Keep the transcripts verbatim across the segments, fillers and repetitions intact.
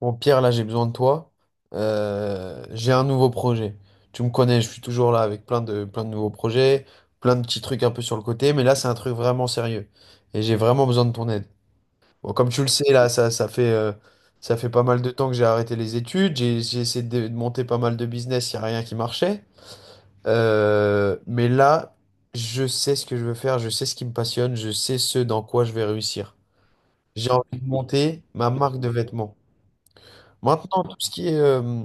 Bon, Pierre, là, j'ai besoin de toi. Euh, j'ai un nouveau projet. Tu me connais, je suis toujours là avec plein de, plein de nouveaux projets, plein de petits trucs un peu sur le côté, mais là, c'est un truc vraiment sérieux. Et j'ai vraiment besoin de ton aide. Bon, comme tu le sais, là, ça, ça fait, euh, ça fait pas mal de temps que j'ai arrêté les études. J'ai, j'ai essayé de, de monter pas mal de business, il n'y a rien qui marchait. Euh, mais là, je sais ce que je veux faire, je sais ce qui me passionne, je sais ce dans quoi je vais réussir. J'ai envie de monter ma marque de vêtements. Maintenant, tout ce qui est euh,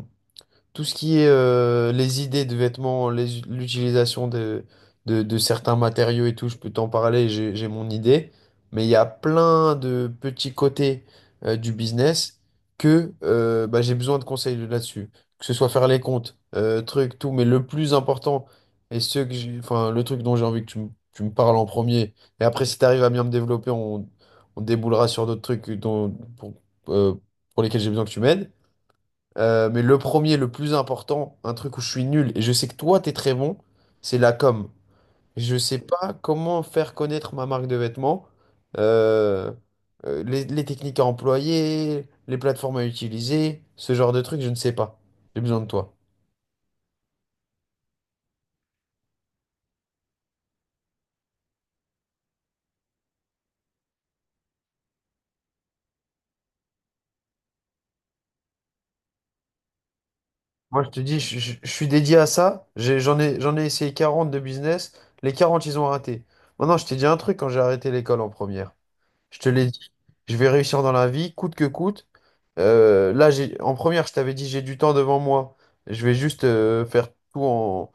tout ce qui est euh, les idées de vêtements, les- l'utilisation de, de, de certains matériaux et tout, je peux t'en parler, j'ai, j'ai mon idée. Mais il y a plein de petits côtés euh, du business que euh, bah, j'ai besoin de conseils là-dessus. Que ce soit faire les comptes, euh, trucs, tout. Mais le plus important, et ce que j'ai, enfin, le truc dont j'ai envie que tu, me tu me parles en premier, et après, si tu arrives à bien me développer, on, on déboulera sur d'autres trucs dont, pour, euh, pour lesquels j'ai besoin que tu m'aides. Euh, mais le premier, le plus important, un truc où je suis nul et je sais que toi, t'es très bon, c'est la com. Je sais pas comment faire connaître ma marque de vêtements, euh, euh, les, les techniques à employer, les plateformes à utiliser, ce genre de trucs, je ne sais pas. J'ai besoin de toi. Moi, je te dis, je, je- je suis dédié à ça. J'ai- J'en ai, j'en ai essayé quarante de business. Les quarante, ils ont raté. Maintenant, je t'ai dit un truc quand j'ai arrêté l'école en première. Je te l'ai dit, je vais réussir dans la vie, coûte que coûte. Euh, là, j'ai, en première, je t'avais dit, j'ai du temps devant moi. Je vais juste euh, faire tout en,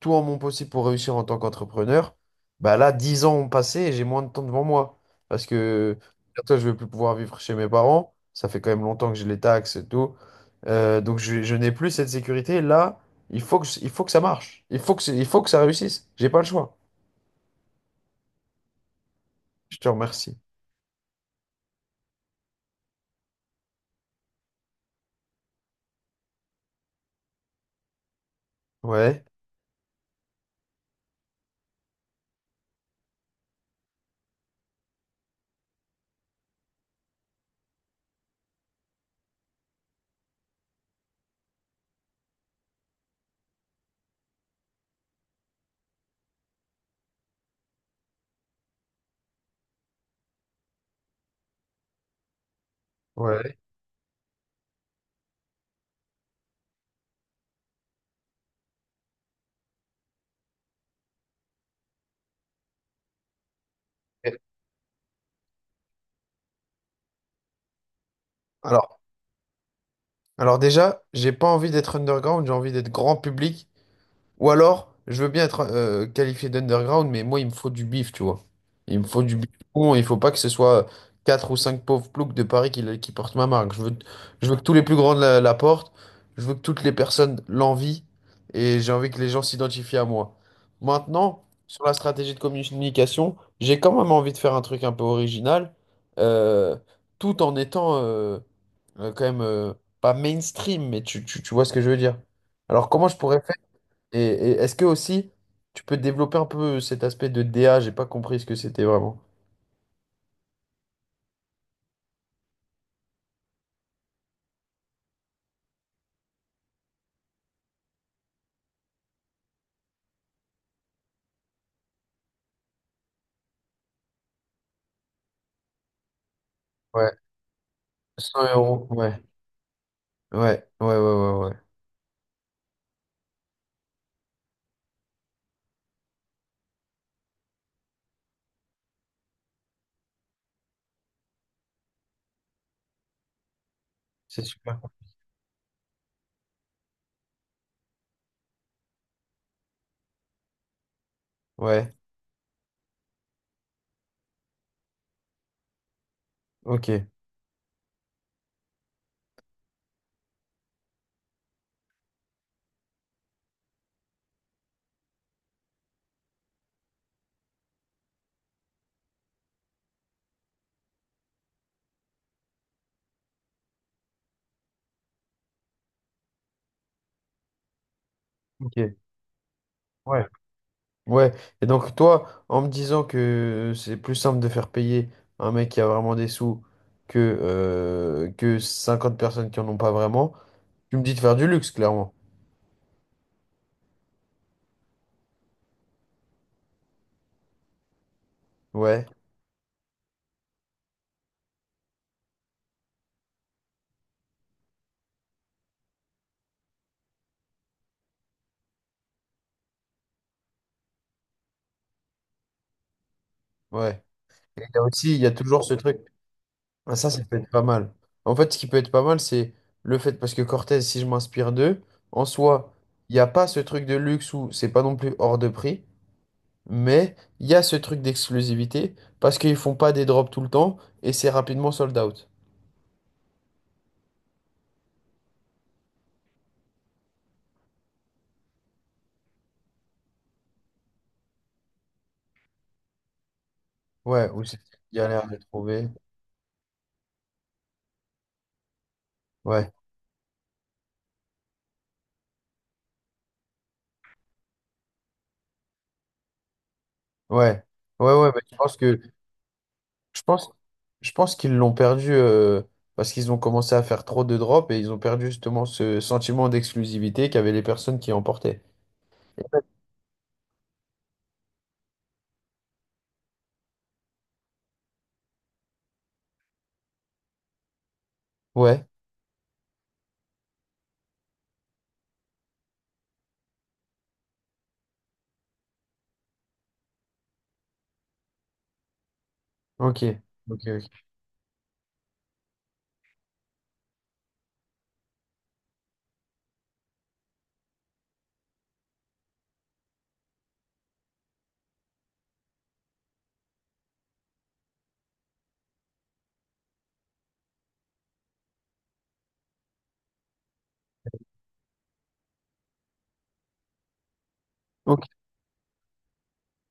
tout en mon possible pour réussir en tant qu'entrepreneur. Bah là, dix ans ont passé et j'ai moins de temps devant moi. Parce que bientôt, je vais plus pouvoir vivre chez mes parents. Ça fait quand même longtemps que j'ai les taxes et tout. Euh, donc, je, je n'ai plus cette sécurité. Là, il faut que, il faut que ça marche. Il faut que, c'est- il faut que ça réussisse. J'ai pas le choix. Je te remercie. Ouais, ouais. Et- Alors, alors déjà, j'ai pas envie d'être underground, j'ai envie d'être grand public. Ou alors, je veux bien être euh, qualifié d'underground, mais moi, il me faut du bif, tu vois. Il me faut du bif bon, il faut pas que ce soit quatre ou cinq pauvres ploucs de Paris qui, qui portent ma marque. Je veux, je veux que tous les plus grands la, la portent, je veux que toutes les personnes l'envient, et j'ai envie que les gens s'identifient à moi. Maintenant, sur la stratégie de communication, j'ai quand même envie de faire un truc un peu original, euh, tout en étant euh, euh, quand même euh, pas mainstream, mais tu, tu tu vois ce que je veux dire. Alors, comment je pourrais. Et, et est-ce que aussi, tu peux développer un peu cet aspect de D A? J'ai pas compris ce que c'était vraiment. Ouais, cent euros. Ouais, ouais, ouais, ouais, ouais, ouais. C'est super. Ouais, ok, ok. Ouais. Ouais. Et donc, toi, en me disant que c'est plus simple de faire payer un mec qui a vraiment des sous que, euh, que cinquante personnes qui en ont pas vraiment, tu me dis de faire du luxe, clairement. Ouais, ouais. Et là aussi, il y a toujours ce truc. Ah, ça, ça peut être pas mal. En fait, ce qui peut être pas mal, c'est le fait, parce que Cortez, si je m'inspire d'eux, en soi, il n'y a pas ce truc de luxe où c'est pas non plus hors de prix, mais il y a ce truc d'exclusivité, parce qu'ils font pas des drops tout le temps, et c'est rapidement sold out. Ouais, ou c'est galère de trouver. Ouais, ouais, ouais, ouais, mais je pense que, je pense, je pense qu'ils l'ont perdu, euh, parce qu'ils ont commencé à faire trop de drops, et ils ont perdu justement ce sentiment d'exclusivité qu'avaient les personnes qui emportaient. Ouais. Ok, ok, ok. Ok.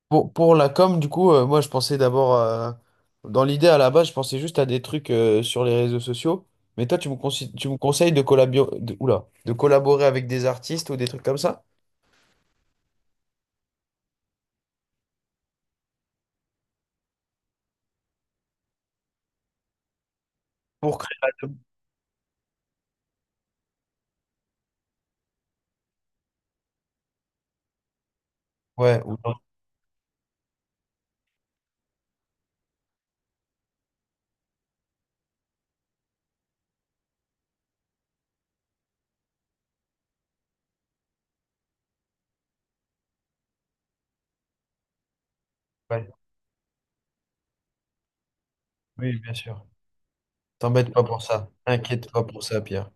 Pour, pour la com, du coup, euh, moi je pensais d'abord, euh, dans l'idée à la base, je pensais juste à des trucs euh, sur les réseaux sociaux, mais toi tu me, consi- tu me conseilles de, collabio- de, oula, de collaborer avec des artistes ou des trucs comme ça? Pour créer la. Ouais, ou. Ouais. Oui, bien sûr. T'embête pas pour ça. T'inquiète pas pour ça, Pierre.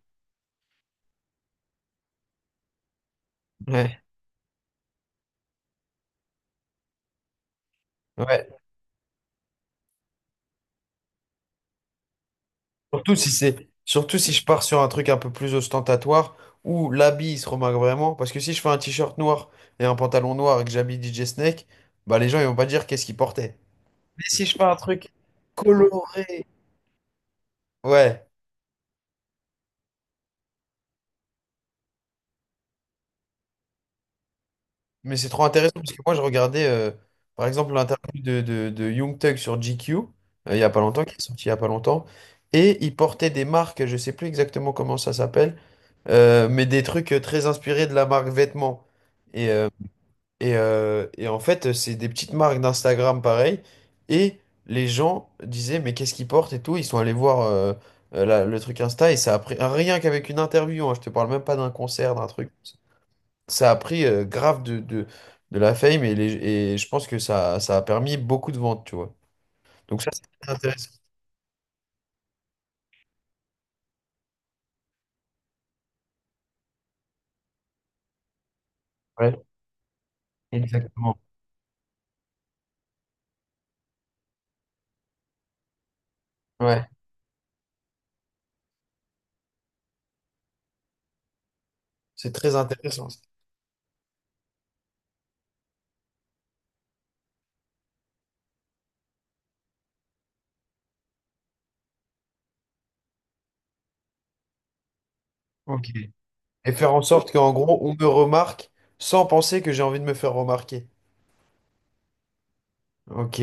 Ouais. Ouais. Surtout si c'est, surtout si je pars sur un truc un peu plus ostentatoire où l'habit il se remarque vraiment. Parce que si je fais un t-shirt noir et un pantalon noir et que j'habille D J Snake, bah les gens ils vont pas dire qu'est-ce qu'il portait. Mais si je fais un truc coloré, ouais, mais c'est trop intéressant parce que moi je regardais euh, par exemple l'interview de, de, de Young Thug sur G Q euh, il y a pas longtemps, qui est sorti il y a pas longtemps, et il portait des marques, je sais plus exactement comment ça s'appelle, euh, mais des trucs euh, très inspirés de la marque vêtements. Et, euh, Et, euh, et en fait, c'est des petites marques d'Instagram pareil. Et les gens disaient, mais qu'est-ce qu'ils portent et tout. Ils sont allés voir euh, euh, la- le truc Insta et ça a pris rien qu'avec une interview, hein, je te parle même pas d'un concert, d'un truc. Ça a pris euh, grave de, de, de la fame et, les, et je pense que ça, ça a permis beaucoup de ventes, tu vois. Donc ça, c'est très intéressant. Ouais, exactement. Ouais, c'est très intéressant, ça. Ok. Et faire en sorte qu'en gros, on me remarque sans penser que j'ai envie de me faire remarquer. Ok.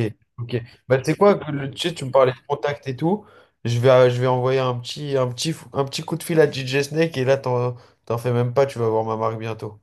Bah, tu sais quoi, que le, tu sais, tu me parlais de contact et tout. Je vais, euh, je vais envoyer un petit, un petit, un petit coup de fil à D J Snake et là, t'en, t'en fais même pas, tu vas voir ma marque bientôt.